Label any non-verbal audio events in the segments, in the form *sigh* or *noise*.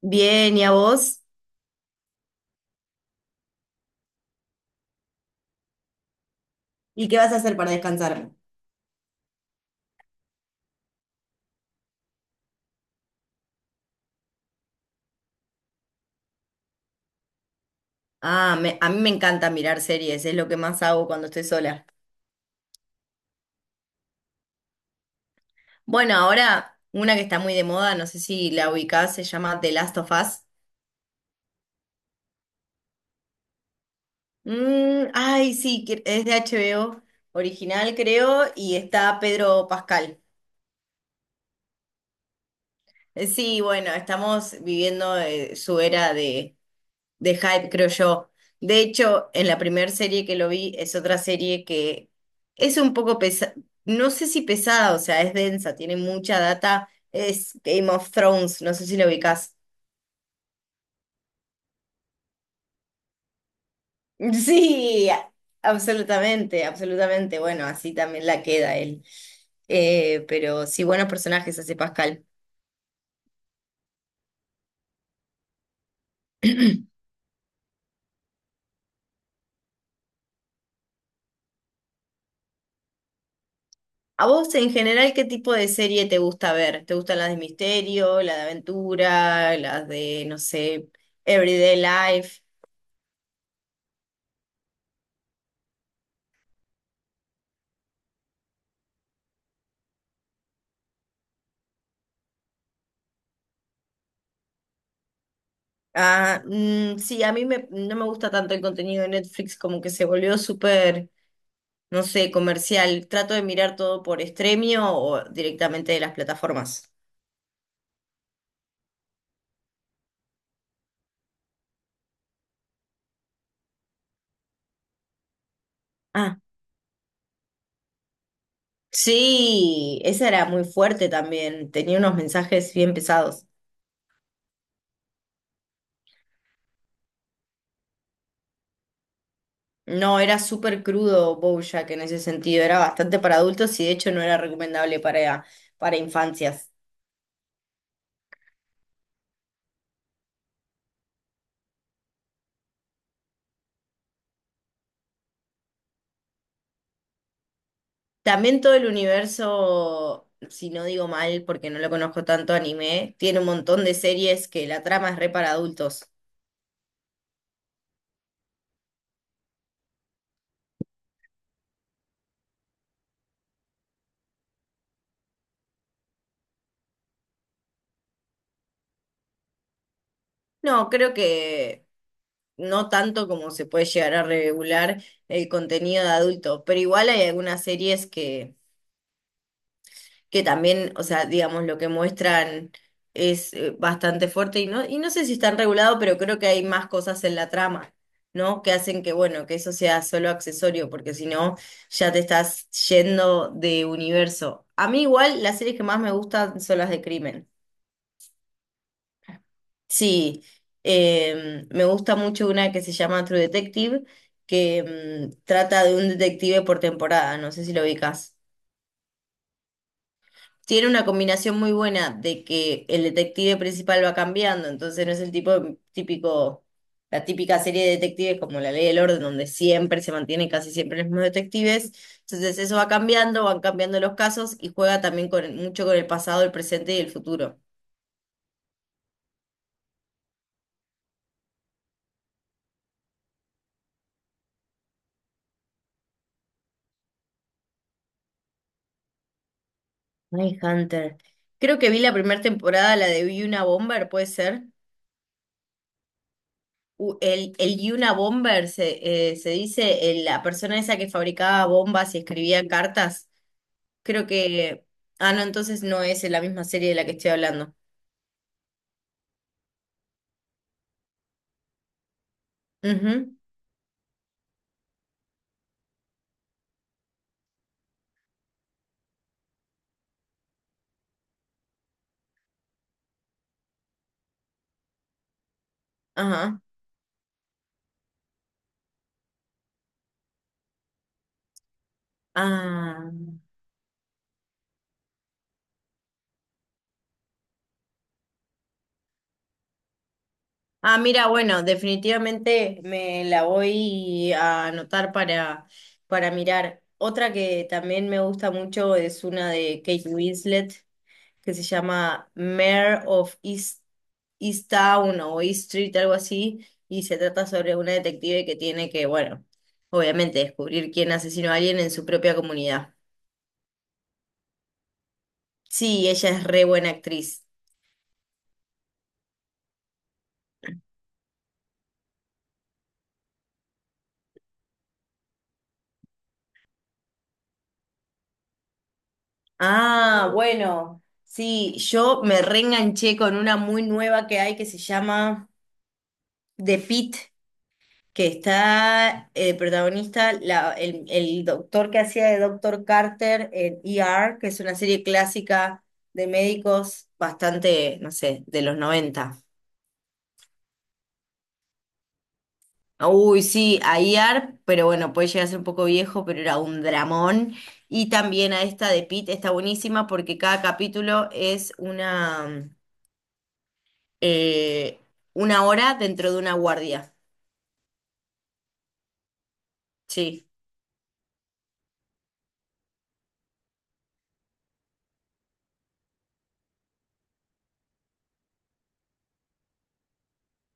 Bien, ¿y a vos? ¿Y qué vas a hacer para descansar? A mí me encanta mirar series, es lo que más hago cuando estoy sola. Bueno, ahora una que está muy de moda, no sé si la ubicás, se llama The Last of Us. Mm, ay, sí, es de HBO original, creo, y está Pedro Pascal. Sí, bueno, estamos viviendo su era de hype, creo yo. De hecho, en la primera serie que lo vi es otra serie que es un poco pesada, no sé si pesada, o sea, es densa, tiene mucha data, es Game of Thrones, no sé si lo ubicás. *laughs* Sí, absolutamente, absolutamente. Bueno, así también la queda él. Pero sí, buenos personajes hace Pascal. ¿A vos en general qué tipo de serie te gusta ver? ¿Te gustan las de misterio, las de aventura, las de, no sé, Everyday Life? Ah, mm, sí, no me gusta tanto el contenido de Netflix, como que se volvió súper, no sé, comercial. Trato de mirar todo por Stremio o directamente de las plataformas. Ah, sí, esa era muy fuerte también, tenía unos mensajes bien pesados. No, era súper crudo BoJack en ese sentido, era bastante para adultos y de hecho no era recomendable para infancias. También todo el universo, si no digo mal, porque no lo conozco tanto anime, tiene un montón de series que la trama es re para adultos. No, creo que no tanto como se puede llegar a regular el contenido de adulto, pero igual hay algunas series que también, o sea, digamos, lo que muestran es bastante fuerte y no sé si están regulados, pero creo que hay más cosas en la trama, ¿no? Que hacen que, bueno, que eso sea solo accesorio, porque si no, ya te estás yendo de universo. A mí igual las series que más me gustan son las de crimen. Sí, me gusta mucho una que se llama True Detective, que mm, trata de un detective por temporada, no sé si lo ubicas. Tiene una combinación muy buena de que el detective principal va cambiando, entonces no es el tipo típico, la típica serie de detectives como La Ley del Orden, donde siempre se mantienen casi siempre los mismos detectives. Entonces eso va cambiando, van cambiando los casos y juega también con, mucho con el pasado, el presente y el futuro. Hunter. Creo que vi la primera temporada, la de Yuna Bomber, ¿puede ser? El Yuna Bomber se dice la persona esa que fabricaba bombas y escribía cartas. Creo que... Ah, no, entonces no es la misma serie de la que estoy hablando. Ujú. Ajá. Ah. Ah, mira, bueno, definitivamente me la voy a anotar para mirar. Otra que también me gusta mucho es una de Kate Winslet, que se llama Mare of East, East Town o East Street, algo así, y se trata sobre una detective que tiene que, bueno, obviamente descubrir quién asesinó a alguien en su propia comunidad. Sí, ella es re buena actriz. Ah, mm, bueno, sí, yo me reenganché con una muy nueva que hay que se llama The Pitt, que está protagonista, el doctor que hacía de Doctor Carter en E R., que es una serie clásica de médicos bastante, no sé, de los 90. Uy, sí, a IAR, pero bueno, puede llegar a ser un poco viejo, pero era un dramón. Y también a esta de Pete está buenísima porque cada capítulo es eh, una hora dentro de una guardia. Sí,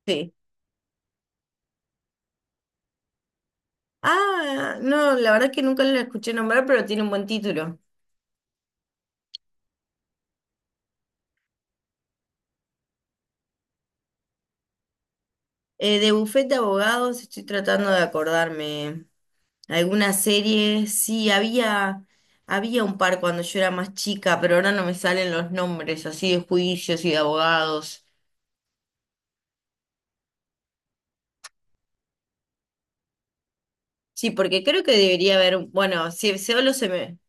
sí. Ah, no, la verdad es que nunca la escuché nombrar, pero tiene un buen título. De bufete de abogados, estoy tratando de acordarme. Alguna serie, sí, había un par cuando yo era más chica, pero ahora no me salen los nombres así de juicios y de abogados. Sí, porque creo que debería haber, bueno, si solo se me...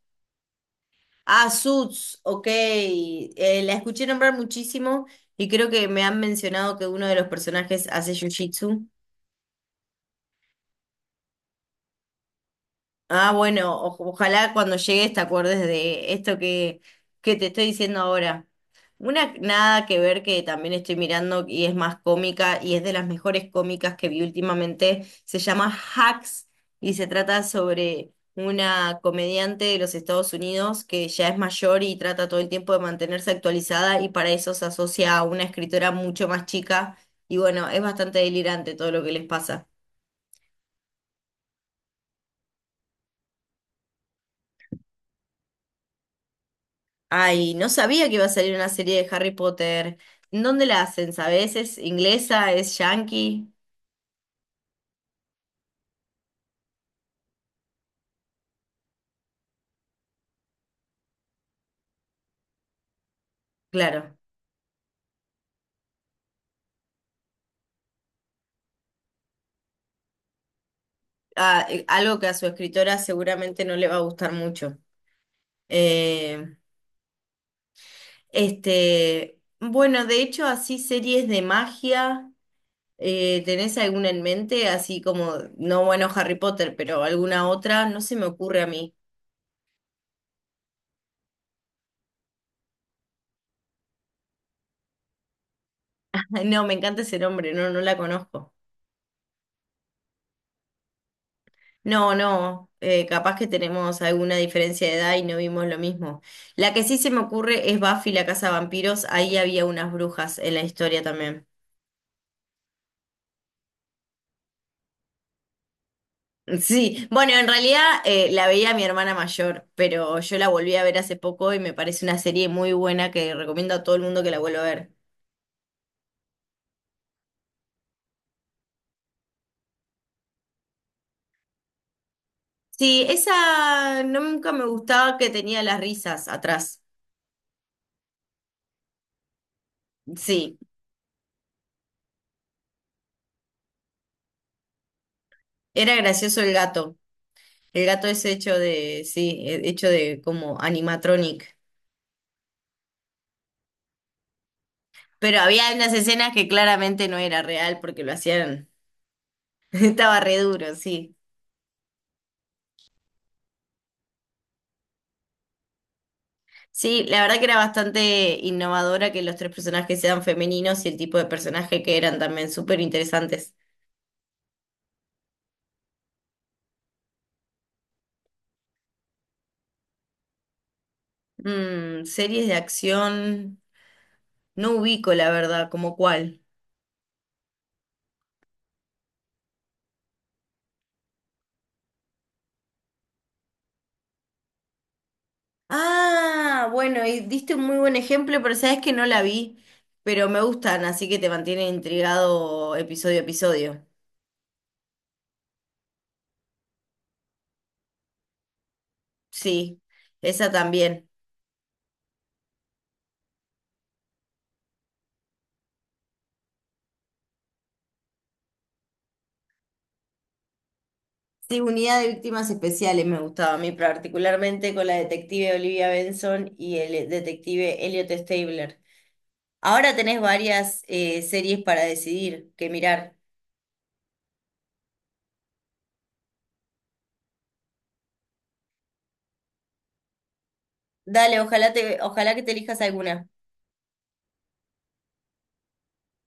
Ah, Suits, ok. La escuché nombrar muchísimo y creo que me han mencionado que uno de los personajes hace jiu-jitsu. Ah, bueno, ojalá cuando llegues te acuerdes de esto que te estoy diciendo ahora. Una nada que ver que también estoy mirando y es más cómica y es de las mejores cómicas que vi últimamente, se llama Hacks y se trata sobre una comediante de los Estados Unidos que ya es mayor y trata todo el tiempo de mantenerse actualizada y para eso se asocia a una escritora mucho más chica y bueno, es bastante delirante todo lo que les pasa. Ay, no sabía que iba a salir una serie de Harry Potter. ¿En dónde la hacen? ¿Sabes? ¿Es inglesa? ¿Es yankee? Claro. Ah, algo que a su escritora seguramente no le va a gustar mucho. Eh, bueno, de hecho, así series de magia, ¿tenés alguna en mente? Así como, no, bueno, Harry Potter, pero alguna otra, no se me ocurre a mí. *laughs* No, me encanta ese nombre, no, no la conozco. No, no, capaz que tenemos alguna diferencia de edad y no vimos lo mismo. La que sí se me ocurre es Buffy la Casa de Vampiros, ahí había unas brujas en la historia también. *laughs* Sí, bueno, en realidad la veía mi hermana mayor, pero yo la volví a ver hace poco y me parece una serie muy buena que recomiendo a todo el mundo que la vuelva a ver. Sí, esa nunca me gustaba que tenía las risas atrás. Sí, era gracioso el gato. El gato es hecho de, sí, hecho de como animatronic. Pero había unas escenas que claramente no era real porque lo hacían. *laughs* Estaba re duro, sí. Sí, la verdad que era bastante innovadora que los tres personajes sean femeninos y el tipo de personaje que eran también súper interesantes. Mm, series de acción. No ubico, la verdad, como cuál. Ah, bueno, y diste un muy buen ejemplo, pero sabes que no la vi. Pero me gustan, así que te mantienen intrigado episodio a episodio. Sí, esa también. Sí, unidad de víctimas especiales me gustaba a mí particularmente con la detective Olivia Benson y el detective Elliot Stabler. Ahora tenés varias series para decidir que mirar. Dale, ojalá que te elijas alguna.